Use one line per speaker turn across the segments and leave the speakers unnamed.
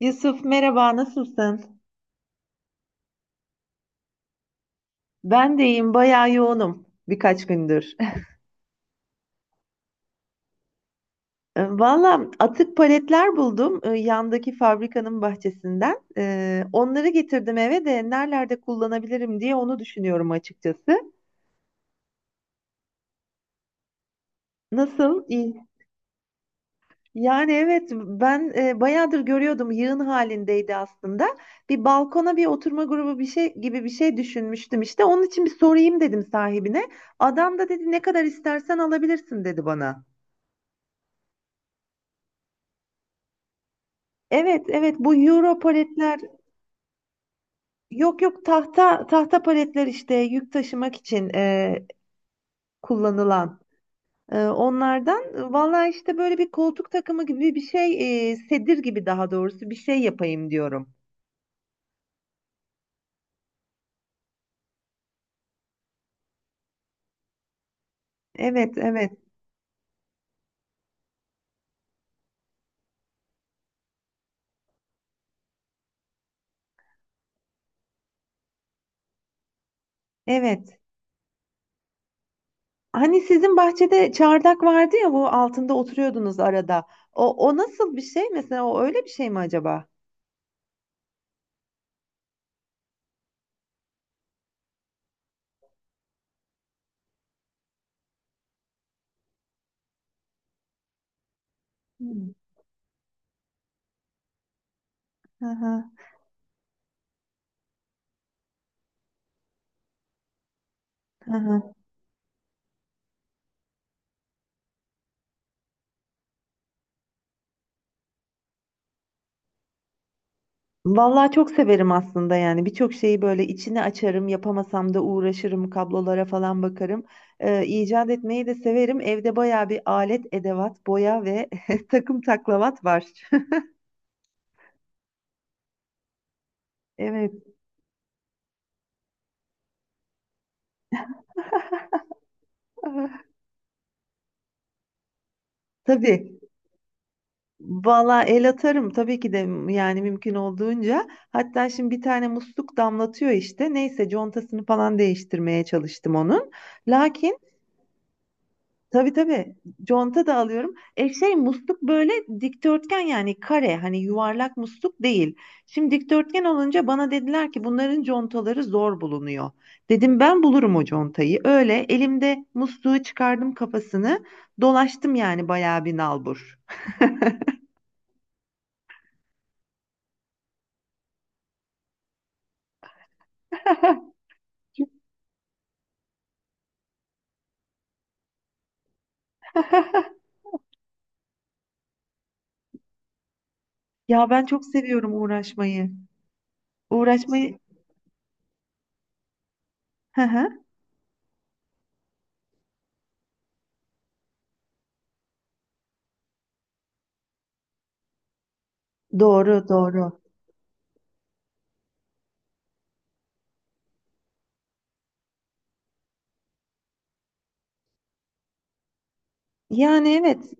Yusuf, merhaba, nasılsın? Ben de iyiyim, bayağı yoğunum birkaç gündür. Valla, atık paletler buldum, yandaki fabrikanın bahçesinden. Onları getirdim eve de nerelerde kullanabilirim diye onu düşünüyorum açıkçası. Nasıl? İyi. Yani evet, ben bayağıdır görüyordum, yığın halindeydi aslında. Bir balkona bir oturma grubu bir şey gibi bir şey düşünmüştüm işte. Onun için bir sorayım dedim sahibine. Adam da dedi ne kadar istersen alabilirsin dedi bana. Evet, evet, bu euro paletler. Yok, yok, tahta tahta paletler işte, yük taşımak için kullanılan, onlardan. Valla işte böyle bir koltuk takımı gibi bir şey, sedir gibi daha doğrusu, bir şey yapayım diyorum. Evet, evet, evet. Hani sizin bahçede çardak vardı ya, bu altında oturuyordunuz arada. O, o nasıl bir şey mesela, o öyle bir şey mi acaba? Hmm. Hı hı, hı hı. Vallahi çok severim aslında, yani birçok şeyi böyle içine açarım, yapamasam da uğraşırım, kablolara falan bakarım. İcat etmeyi de severim, evde bayağı bir alet edevat, boya ve takım taklavat var. Evet. Tabii, valla el atarım tabii ki de, yani mümkün olduğunca. Hatta şimdi bir tane musluk damlatıyor işte, neyse contasını falan değiştirmeye çalıştım onun, lakin. Tabii, tabii. Conta da alıyorum. Musluk böyle dikdörtgen, yani kare, hani yuvarlak musluk değil. Şimdi dikdörtgen olunca bana dediler ki bunların contaları zor bulunuyor. Dedim ben bulurum o contayı. Öyle elimde musluğu çıkardım kafasını. Dolaştım yani bayağı bir nalbur. Ya, ben çok seviyorum uğraşmayı. Uğraşmayı. Hı hı. Doğru, doğru. Yani evet,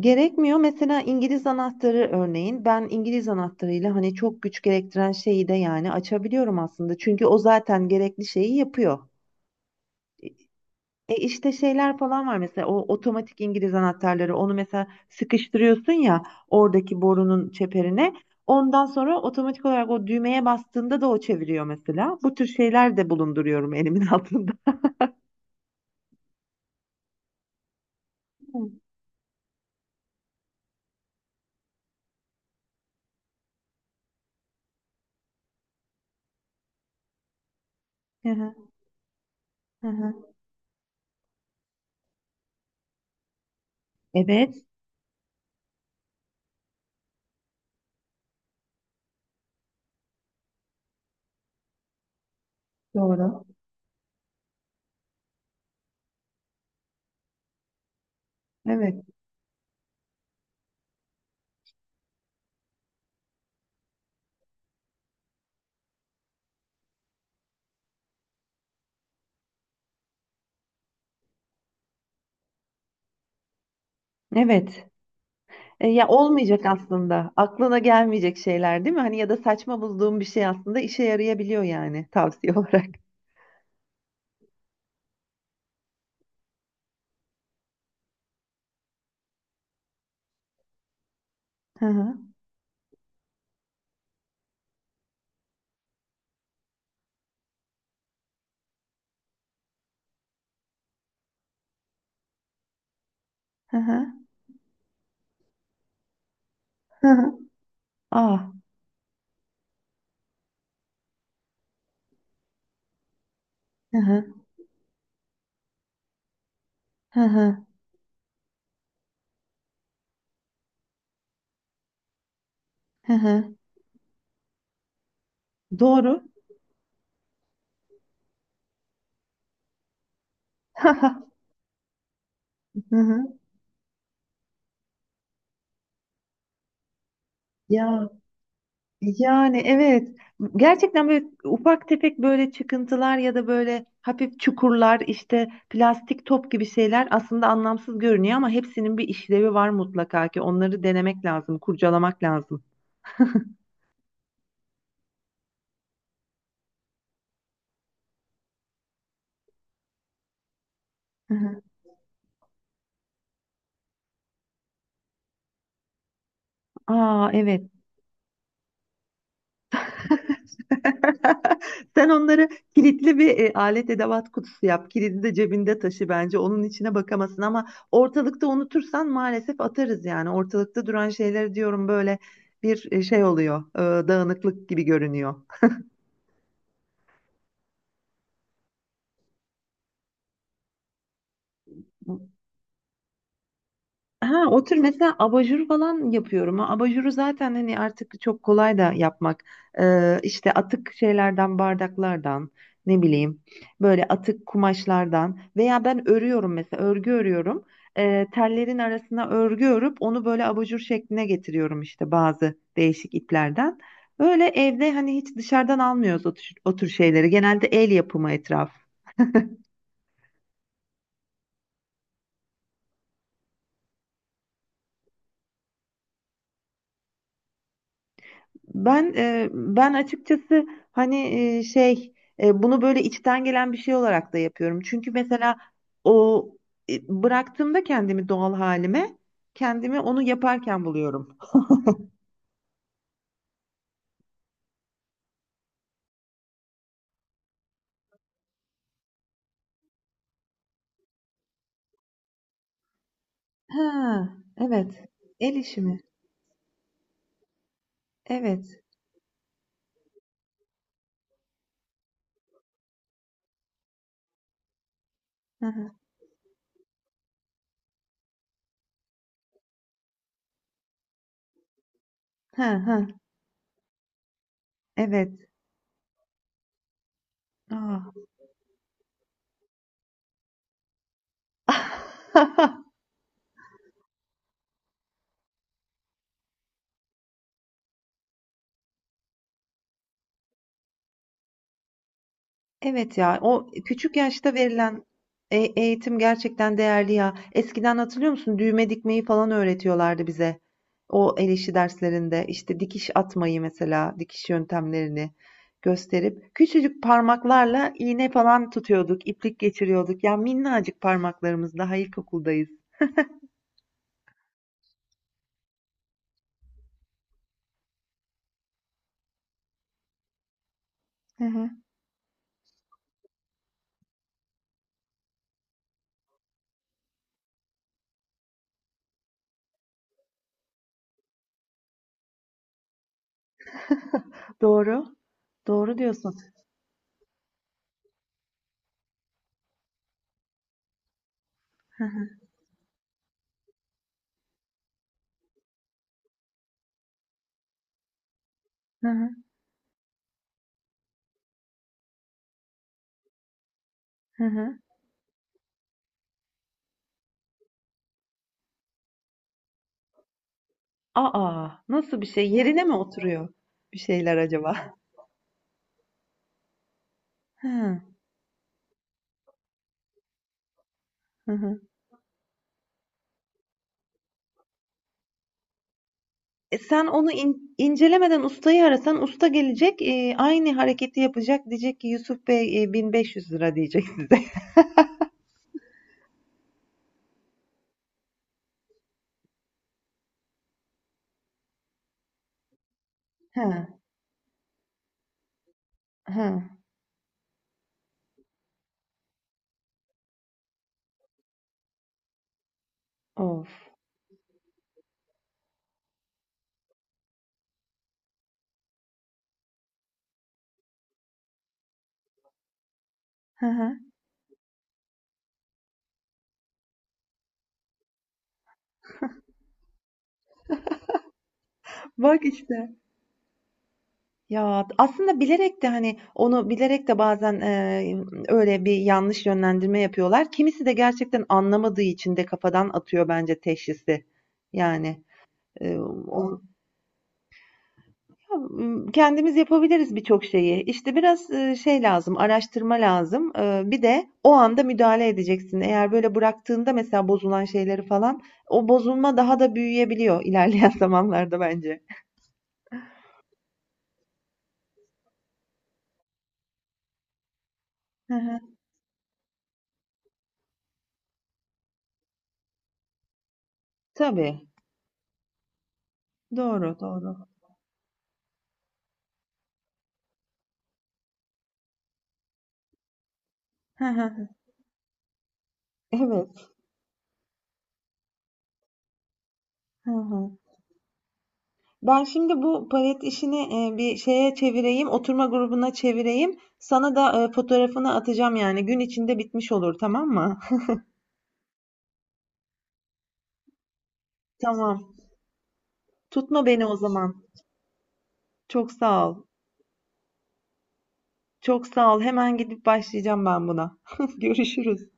gerekmiyor. Mesela İngiliz anahtarı örneğin, ben İngiliz anahtarıyla hani çok güç gerektiren şeyi de yani açabiliyorum aslında. Çünkü o zaten gerekli şeyi yapıyor. E işte şeyler falan var mesela, o otomatik İngiliz anahtarları, onu mesela sıkıştırıyorsun ya, oradaki borunun çeperine. Ondan sonra otomatik olarak o düğmeye bastığında da o çeviriyor mesela. Bu tür şeyler de bulunduruyorum elimin altında. Hı hı, hı hı. Evet, doğru. Evet, evet. E, ya olmayacak aslında. Aklına gelmeyecek şeyler, değil mi? Hani, ya da saçma bulduğum bir şey aslında işe yarayabiliyor, yani tavsiye olarak. Hı hı. Hı hı. Hı hı. Ah. Hı hı. Hı hı. Hı hı. Doğru. Hı hı. Ya, yani evet, gerçekten böyle ufak tefek böyle çıkıntılar ya da böyle hafif çukurlar, işte plastik top gibi şeyler, aslında anlamsız görünüyor ama hepsinin bir işlevi var mutlaka ki, onları denemek lazım, kurcalamak lazım. Aa, evet. Sen onları kilitli bir alet edevat kutusu yap. Kilidi de cebinde taşı bence. Onun içine bakamasın, ama ortalıkta unutursan maalesef atarız yani. Ortalıkta duran şeyleri diyorum, böyle bir şey oluyor, dağınıklık gibi görünüyor. Ha, o tür mesela abajur falan yapıyorum. Ha, abajuru zaten hani artık çok kolay da yapmak. İşte atık şeylerden, bardaklardan, ne bileyim, böyle atık kumaşlardan, veya ben örüyorum mesela, örgü örüyorum. Tellerin arasına örgü örüp onu böyle abajur şekline getiriyorum işte, bazı değişik iplerden. Böyle evde hani hiç dışarıdan almıyoruz o tür, o tür şeyleri. Genelde el yapımı etraf. Ben, ben açıkçası hani, e, şey bunu böyle içten gelen bir şey olarak da yapıyorum. Çünkü mesela o e, bıraktığımda kendimi doğal halime, kendimi onu yaparken buluyorum. Ha, evet. El işimi. Evet. Hı hı. Ha, ha, evet. Aa. Evet ya, o küçük yaşta verilen eğitim gerçekten değerli ya. Eskiden hatırlıyor musun? Düğme dikmeyi falan öğretiyorlardı bize. O el işi derslerinde işte dikiş atmayı, mesela dikiş yöntemlerini gösterip, küçücük parmaklarla iğne falan tutuyorduk, iplik geçiriyorduk. Ya, minnacık parmaklarımız, daha ilkokuldayız. Hı hı. Doğru. Doğru diyorsun. Hı hı, hı hı. Hı hı. Aa, nasıl bir şey? Yerine mi oturuyor bir şeyler acaba? Hı hı. E, sen onu incelemeden ustayı arasan, usta gelecek, aynı hareketi yapacak. Diyecek ki, Yusuf Bey, 1500 lira diyecek size. Ha, ha, of. Hı hı. Bak işte. Ya, aslında bilerek de, hani onu bilerek de bazen öyle bir yanlış yönlendirme yapıyorlar. Kimisi de gerçekten anlamadığı için de kafadan atıyor bence teşhisi. Yani e, o- Hımm, kendimiz yapabiliriz birçok şeyi. İşte biraz şey lazım, araştırma lazım. Bir de o anda müdahale edeceksin. Eğer böyle bıraktığında mesela bozulan şeyleri falan, o bozulma daha da büyüyebiliyor ilerleyen zamanlarda bence. Hı hı. Tabii. Doğru, doğru. Hı hı. Evet. Hı hı. Ben şimdi bu palet işini, bir şeye çevireyim, oturma grubuna çevireyim. Sana da fotoğrafını atacağım yani. Gün içinde bitmiş olur, tamam mı? Tamam. Tutma beni o zaman. Çok sağ ol. Çok sağ ol. Hemen gidip başlayacağım ben buna. Görüşürüz.